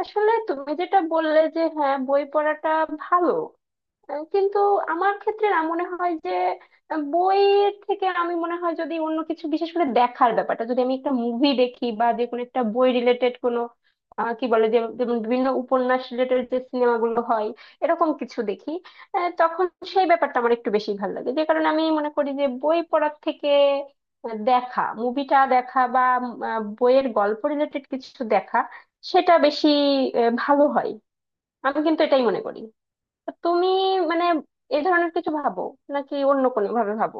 আসলে তুমি যেটা বললে যে হ্যাঁ, বই পড়াটা ভালো। কিন্তু আমার ক্ষেত্রে না মনে হয় যে বইয়ের থেকে আমি মনে হয় যদি অন্য কিছু, বিশেষ করে দেখার ব্যাপারটা, যদি আমি একটা মুভি দেখি বা যে কোনো একটা বই রিলেটেড কোনো কি বলে যে, যেমন বিভিন্ন উপন্যাস রিলেটেড যে সিনেমাগুলো হয় এরকম কিছু দেখি, তখন সেই ব্যাপারটা আমার একটু বেশি ভালো লাগে। যে কারণে আমি মনে করি যে বই পড়ার থেকে দেখা, মুভিটা দেখা বা বইয়ের গল্প রিলেটেড কিছু দেখা সেটা বেশি ভালো হয়। আমি কিন্তু এটাই মনে করি। তুমি মানে এ ধরনের কিছু ভাবো নাকি অন্য কোনো ভাবে ভাবো?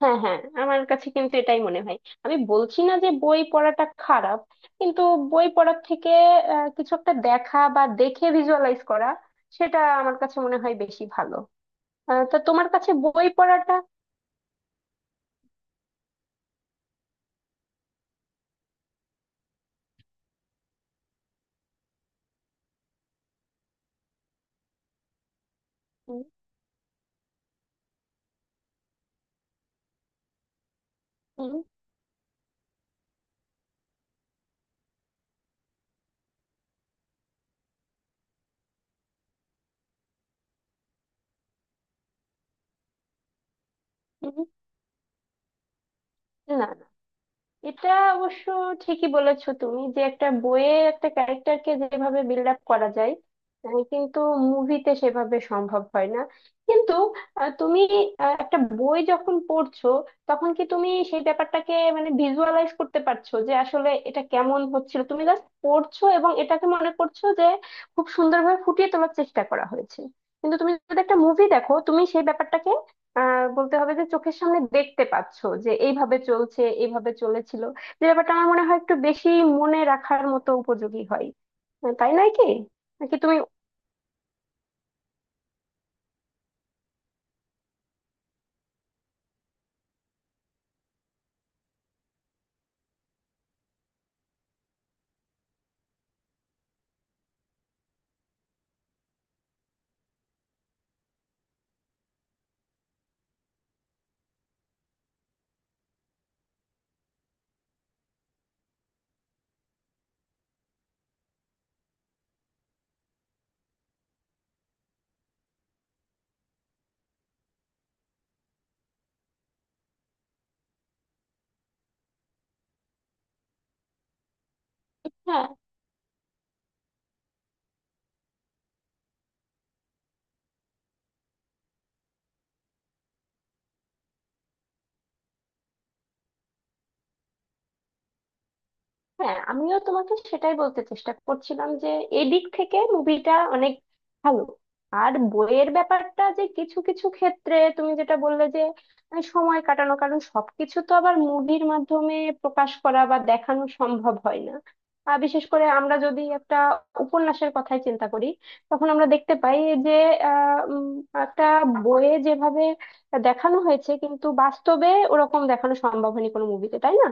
হ্যাঁ, হ্যাঁ, আমার কাছে কিন্তু এটাই মনে হয়। আমি বলছি না যে বই পড়াটা খারাপ, কিন্তু বই পড়ার থেকে কিছু একটা দেখা বা দেখে ভিজুয়ালাইজ করা সেটা আমার কাছে মনে হয় বেশি ভালো। তা তোমার কাছে বই পড়াটা উম, উম, উম, না, এটা অবশ্য ঠিকই বলেছো তুমি যে একটা বইয়ে একটা ক্যারেক্টারকে যেভাবে বিল্ড আপ করা যায় কিন্তু মুভিতে সেভাবে সম্ভব হয় না। কিন্তু তুমি একটা বই যখন পড়ছো তখন কি তুমি সেই ব্যাপারটাকে মানে ভিজুয়ালাইজ করতে পারছো যে আসলে এটা কেমন হচ্ছিল? তুমি জাস্ট পড়ছো এবং এটাকে মনে করছো যে খুব সুন্দরভাবে ফুটিয়ে তোলার চেষ্টা করা হয়েছে। কিন্তু তুমি যদি একটা মুভি দেখো তুমি সেই ব্যাপারটাকে বলতে হবে যে চোখের সামনে দেখতে পাচ্ছ যে এইভাবে চলছে, এইভাবে চলেছিল। যে ব্যাপারটা আমার মনে হয় একটু বেশি মনে রাখার মতো উপযোগী হয়। তাই নয় কি? নাকি তুমি হ্যাঁ, হ্যাঁ, আমিও তোমাকে সেটাই বলতে চেষ্টা করছিলাম যে এদিক থেকে মুভিটা অনেক ভালো। আর বইয়ের ব্যাপারটা যে কিছু কিছু ক্ষেত্রে তুমি যেটা বললে যে সময় কাটানো, কারণ সবকিছু তো আবার মুভির মাধ্যমে প্রকাশ করা বা দেখানো সম্ভব হয় না। আর বিশেষ করে আমরা যদি একটা উপন্যাসের কথাই চিন্তা করি তখন আমরা দেখতে পাই যে আহ উম, একটা বইয়ে যেভাবে দেখানো হয়েছে কিন্তু বাস্তবে ওরকম দেখানো সম্ভব হয়নি কোনো মুভিতে, তাই না?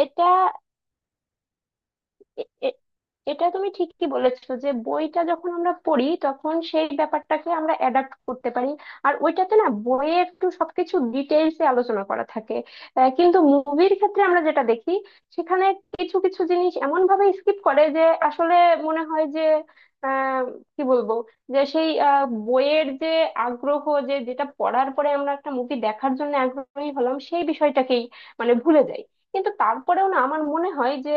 এটা এ- এ- এটা তুমি ঠিকই বলেছো যে বইটা যখন আমরা পড়ি তখন সেই ব্যাপারটাকে আমরা অ্যাডাপ্ট করতে পারি। আর ওইটাতে না বইয়ে একটু সবকিছু ডিটেইলসে আলোচনা করা থাকে। কিন্তু মুভির ক্ষেত্রে আমরা যেটা দেখি সেখানে কিছু কিছু জিনিস এমন ভাবে স্কিপ করে যে আসলে মনে হয় যে আহ কি বলবো, যে সেই বইয়ের যে আগ্রহ, যে যেটা পড়ার পরে আমরা একটা মুভি দেখার জন্য আগ্রহী হলাম, সেই বিষয়টাকেই মানে ভুলে যাই। কিন্তু তারপরেও না আমার মনে হয় যে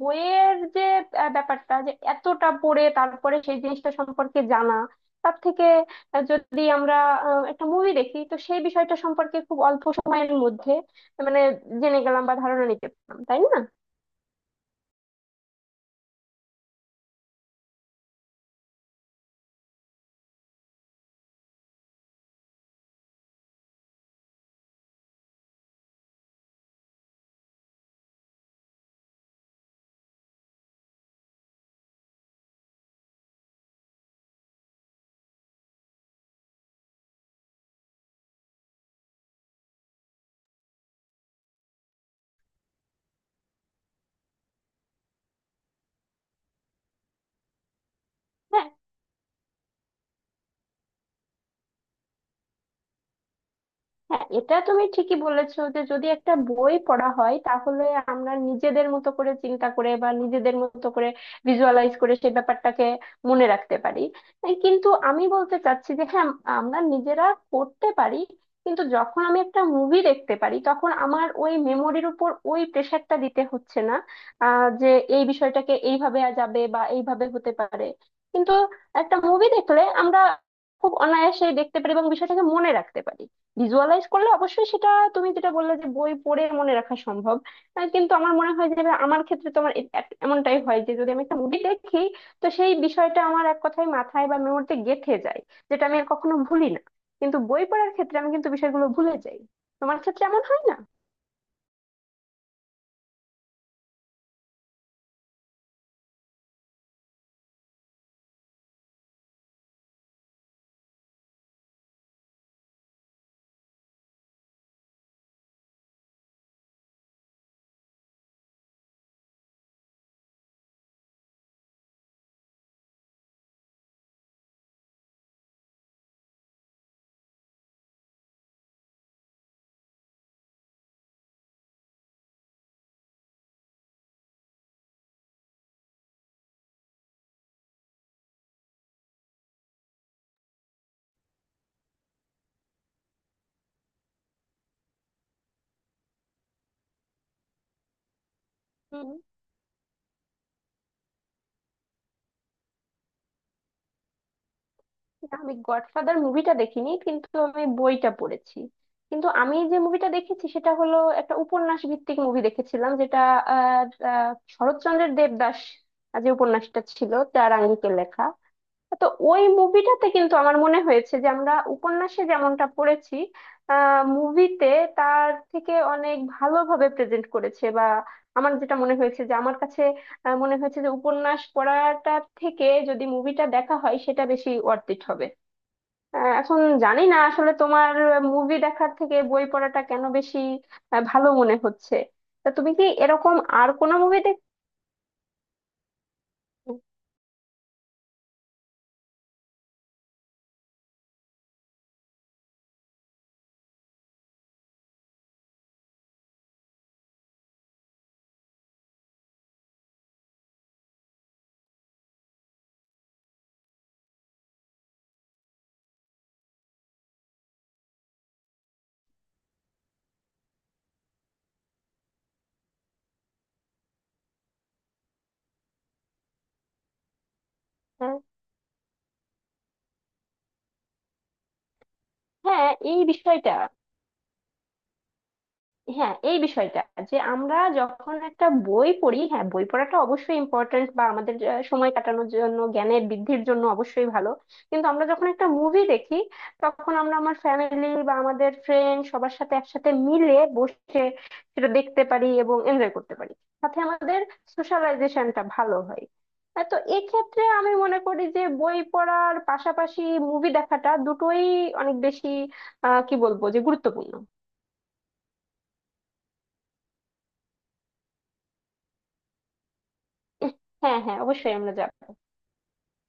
বইয়ের যে ব্যাপারটা যে এতটা পড়ে তারপরে সেই জিনিসটা সম্পর্কে জানা, তার থেকে যদি আমরা একটা মুভি দেখি তো সেই বিষয়টা সম্পর্কে খুব অল্প সময়ের মধ্যে মানে জেনে গেলাম বা ধারণা নিতে পারলাম, তাই না? হ্যাঁ, হ্যাঁ, এটা তুমি ঠিকই বলেছো যে যদি একটা বই পড়া হয় তাহলে আমরা নিজেদের মতো করে চিন্তা করে বা নিজেদের মতো করে ভিজুয়ালাইজ করে সেই ব্যাপারটাকে মনে রাখতে পারি। এই কিন্তু আমি বলতে চাচ্ছি যে হ্যাঁ, আমরা নিজেরা করতে পারি, কিন্তু যখন আমি একটা মুভি দেখতে পারি তখন আমার ওই মেমোরির উপর ওই প্রেশারটা দিতে হচ্ছে না যে এই বিষয়টাকে এইভাবে যাবে বা এইভাবে হতে পারে। কিন্তু একটা মুভি দেখলে আমরা খুব অনায়াসে দেখতে পারি এবং বিষয়টাকে মনে রাখতে পারি। ভিজুয়ালাইজ করলে অবশ্যই সেটা তুমি যেটা বললে যে বই পড়ে মনে রাখা সম্ভব, কিন্তু আমার মনে হয় যে আমার ক্ষেত্রে তোমার এমনটাই হয় যে যদি আমি একটা মুভি দেখি তো সেই বিষয়টা আমার এক কথায় মাথায় বা মেমোরিতে গেঁথে যায়, যেটা আমি আর কখনো ভুলি না। কিন্তু বই পড়ার ক্ষেত্রে আমি কিন্তু বিষয়গুলো ভুলে যাই। তোমার ক্ষেত্রে এমন হয় না? না, আমি গডফাদার মুভিটা দেখিনি, কিন্তু আমি বইটা পড়েছি। কিন্তু আমি যে মুভিটা দেখেছি সেটা হলো একটা উপন্যাস ভিত্তিক মুভি দেখেছিলাম, যেটা আহ, আহ, শরৎচন্দ্রের দেবদাস যে উপন্যাসটা ছিল তার আঙ্গিকে লেখা। তো ওই মুভিটাতে কিন্তু আমার মনে হয়েছে যে আমরা উপন্যাসে যেমনটা পড়েছি মুভিতে তার থেকে অনেক ভালোভাবে প্রেজেন্ট করেছে। বা আমার যেটা মনে হয়েছে যে আমার কাছে মনে হয়েছে যে উপন্যাস পড়াটা থেকে যদি মুভিটা দেখা হয় সেটা বেশি ওয়ার্থ ইট হবে। এখন জানি না আসলে তোমার মুভি দেখার থেকে বই পড়াটা কেন বেশি ভালো মনে হচ্ছে। তা তুমি কি এরকম আর কোনো মুভি দেখ? হ্যাঁ। হ্যাঁ, এই বিষয়টা। হ্যাঁ, এই বিষয়টা যে আমরা যখন একটা বই পড়ি হ্যাঁ বই পড়াটা অবশ্যই ইম্পর্ট্যান্ট বা আমাদের যে সময় কাটানোর জন্য, জ্ঞানের বৃদ্ধির জন্য অবশ্যই ভালো। কিন্তু আমরা যখন একটা মুভি দেখি তখন আমরা আমার ফ্যামিলি বা আমাদের ফ্রেন্ড সবার সাথে একসাথে মিলে বসে সেটা দেখতে পারি এবং এনজয় করতে পারি। সাথে আমাদের সোশ্যালাইজেশনটা ভালো হয়। তো এক্ষেত্রে আমি মনে করি যে বই পড়ার পাশাপাশি মুভি দেখাটা দুটোই অনেক বেশি কি বলবো, যে গুরুত্বপূর্ণ। হ্যাঁ, হ্যাঁ, অবশ্যই আমরা যাব।